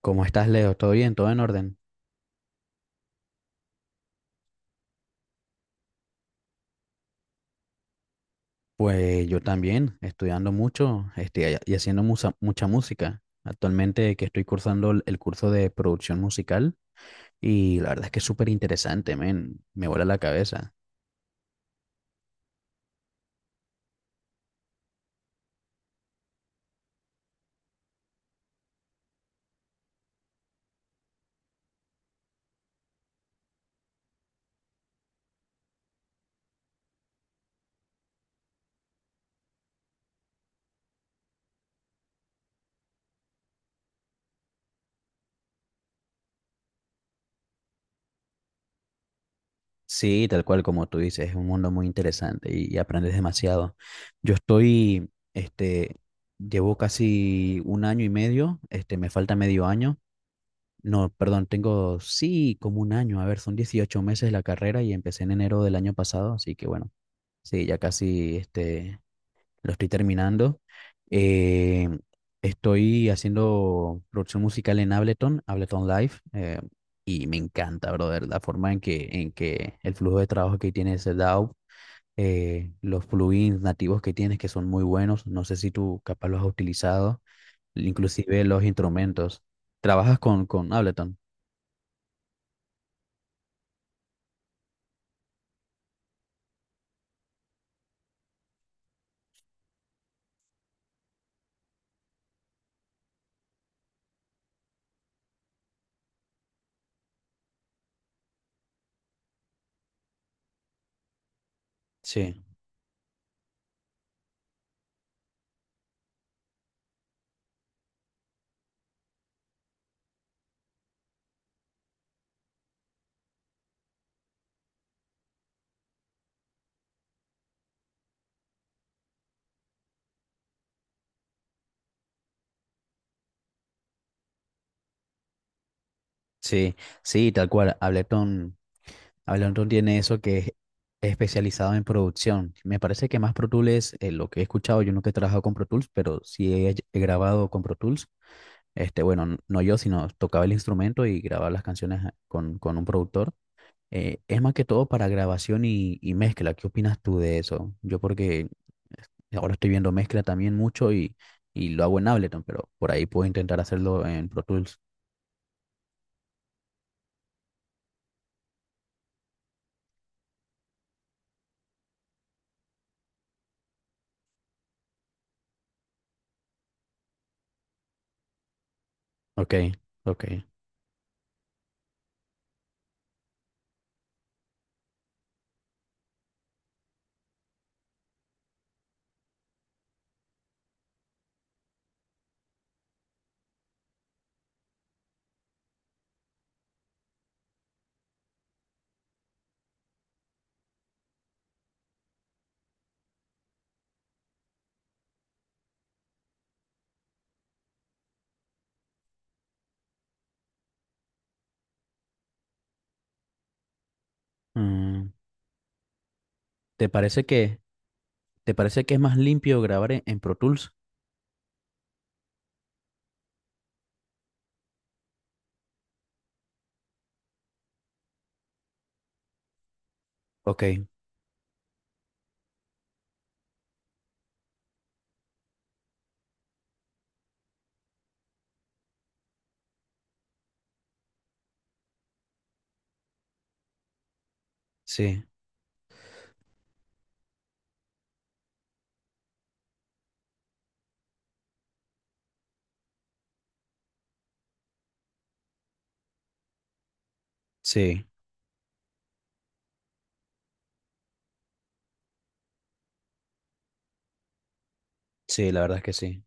¿Cómo estás, Leo? ¿Todo bien? ¿Todo en orden? Pues yo también, estudiando mucho, y haciendo mucha música. Actualmente que estoy cursando el curso de producción musical y la verdad es que es súper interesante, men, me vuela la cabeza. Sí, tal cual como tú dices, es un mundo muy interesante y aprendes demasiado. Yo estoy, llevo casi un año y medio, me falta medio año. No, perdón, tengo sí como un año. A ver, son 18 meses la carrera y empecé en enero del año pasado, así que bueno, sí, ya casi lo estoy terminando. Eh, Estoy haciendo producción musical en Ableton, Ableton Live, y me encanta, brother, la forma en que el flujo de trabajo que tiene ese DAW, los plugins nativos que tienes que son muy buenos. No sé si tú capaz los has utilizado, inclusive los instrumentos. ¿Trabajas con Ableton? Sí. Sí, sí, tal cual. Ableton, Ableton tiene eso que es especializado en producción. Me parece que más Pro Tools, es lo que he escuchado, yo nunca he trabajado con Pro Tools, pero sí he grabado con Pro Tools. Bueno, no yo, sino tocaba el instrumento y grababa las canciones con un productor. Es más que todo para grabación y mezcla. ¿Qué opinas tú de eso? Yo porque ahora estoy viendo mezcla también mucho y lo hago en Ableton, pero por ahí puedo intentar hacerlo en Pro Tools. Ok, ok. Mm. ¿Te parece que, ¿te parece que es más limpio grabar en Pro Tools? Ok, sí, sí, sí, la verdad es que sí.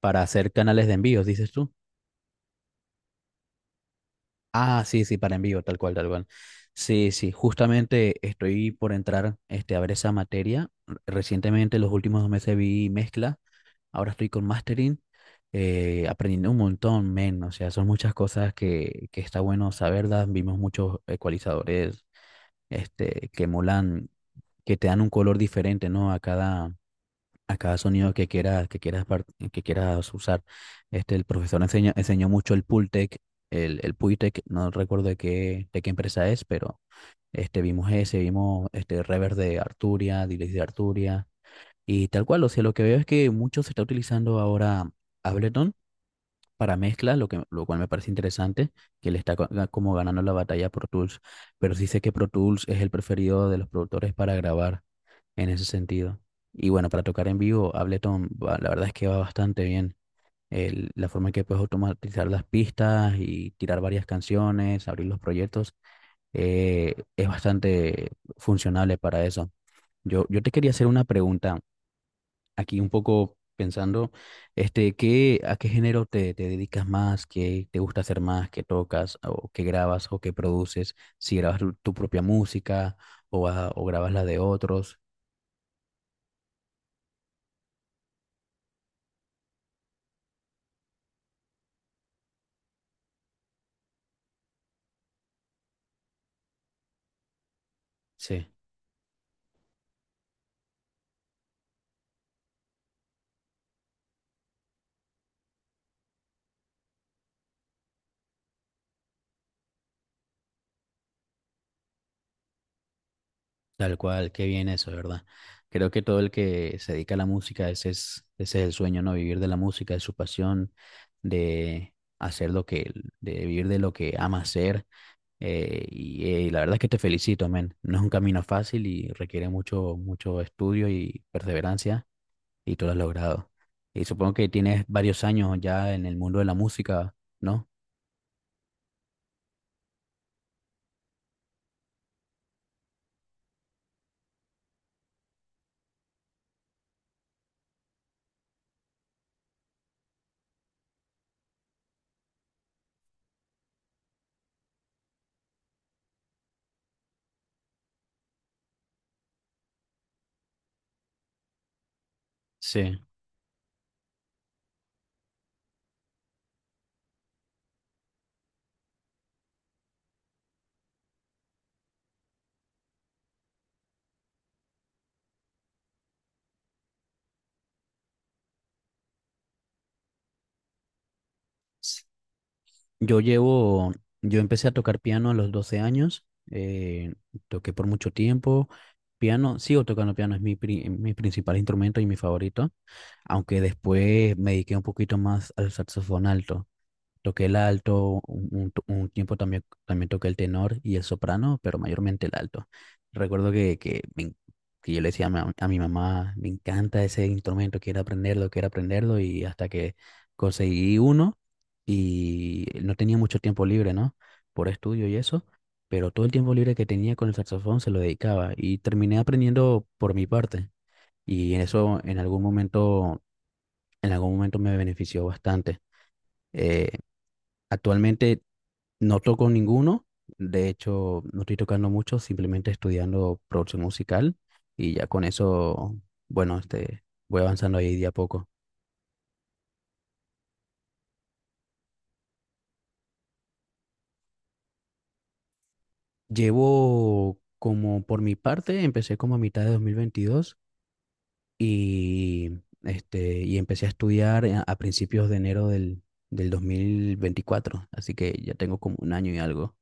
Para hacer canales de envíos, dices tú. Ah, sí, sí, para envío, tal cual, tal cual. Sí, sí, justamente estoy por entrar a ver esa materia. Recientemente, los últimos dos meses vi mezcla, ahora estoy con mastering, aprendiendo un montón, men, o sea, son muchas cosas que está bueno saberlas. Vimos muchos ecualizadores, que molan, que te dan un color diferente, ¿no? A cada sonido que quieras, que quieras usar. El profesor enseñó mucho el Pultec, el Puitec, no recuerdo de qué empresa es, pero vimos ese, vimos este reverb de Arturia, delay de Arturia, y tal cual. O sea, lo que veo es que mucho se está utilizando ahora Ableton para mezcla, lo cual me parece interesante, que le está como ganando la batalla a Pro Tools, pero sí sé que Pro Tools es el preferido de los productores para grabar en ese sentido. Y bueno, para tocar en vivo, Ableton, la verdad es que va bastante bien. La forma en que puedes automatizar las pistas y tirar varias canciones, abrir los proyectos, es bastante funcionable para eso. Yo te quería hacer una pregunta aquí un poco pensando, ¿qué, a qué género te dedicas más? ¿Qué te gusta hacer más? ¿Qué tocas? ¿O qué grabas? ¿O qué produces? Si grabas tu propia música o grabas la de otros. Sí. Tal cual, qué bien eso, ¿de verdad? Creo que todo el que se dedica a la música, ese es el sueño, ¿no? Vivir de la música, de su pasión, de hacer de vivir de lo que ama hacer. Y la verdad es que te felicito, men. No es un camino fácil y requiere mucho, mucho estudio y perseverancia, y tú lo has logrado. Y supongo que tienes varios años ya en el mundo de la música, ¿no? Sí. Yo llevo, yo empecé a tocar piano a los 12 años, eh, toqué por mucho tiempo, piano, sigo tocando piano, es mi principal instrumento y mi favorito, aunque después me dediqué un poquito más al saxofón alto. Toqué el alto, un un tiempo también, también toqué el tenor y el soprano, pero mayormente el alto. Recuerdo que yo le decía a mi mamá, me encanta ese instrumento, quiero aprenderlo, y hasta que conseguí uno y no tenía mucho tiempo libre, ¿no? Por estudio y eso, pero todo el tiempo libre que tenía con el saxofón se lo dedicaba y terminé aprendiendo por mi parte. Y eso en algún momento me benefició bastante. Eh, Actualmente no toco ninguno, de hecho no estoy tocando mucho, simplemente estudiando producción musical y ya con eso, bueno, voy avanzando ahí de a poco. Llevo como por mi parte, empecé como a mitad de 2022 y, y empecé a estudiar a principios de enero del 2024, así que ya tengo como un año y algo.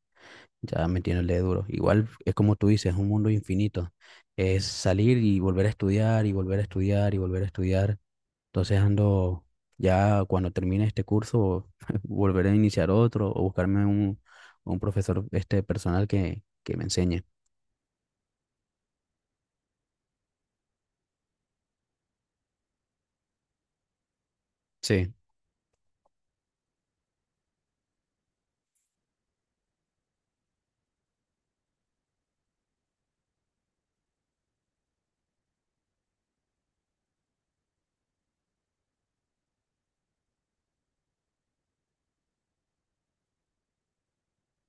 Ya metiéndole duro. Igual es como tú dices, es un mundo infinito. Es salir y volver a estudiar y volver a estudiar y volver a estudiar. Entonces ando, ya cuando termine este curso, volveré a iniciar otro o buscarme un profesor este personal que me enseñe. Sí,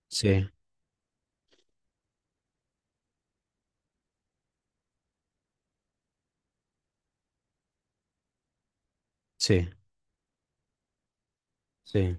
sí, sí, sí.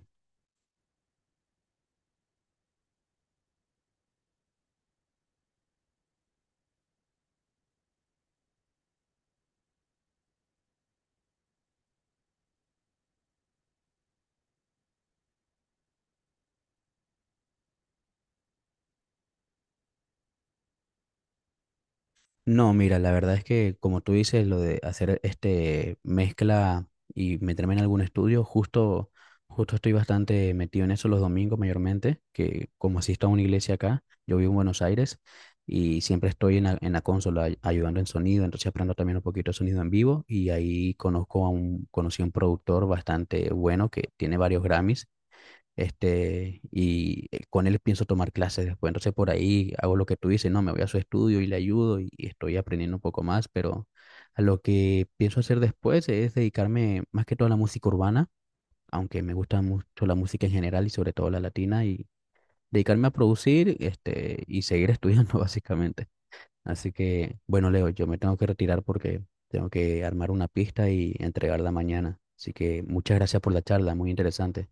No, mira, la verdad es que como tú dices, lo de hacer este mezcla y meterme en algún estudio, justo estoy bastante metido en eso los domingos mayormente, que como asisto a una iglesia acá, yo vivo en Buenos Aires y siempre estoy en la consola ayudando en sonido, entonces aprendo también un poquito de sonido en vivo y ahí conocí a un productor bastante bueno que tiene varios Grammys, con él pienso tomar clases después. Entonces por ahí hago lo que tú dices, no, me voy a su estudio y le ayudo y estoy aprendiendo un poco más, pero a lo que pienso hacer después es dedicarme más que todo a la música urbana, aunque me gusta mucho la música en general y sobre todo la latina, y dedicarme a producir, y seguir estudiando básicamente. Así que, bueno, Leo, yo me tengo que retirar porque tengo que armar una pista y entregarla mañana. Así que muchas gracias por la charla, muy interesante.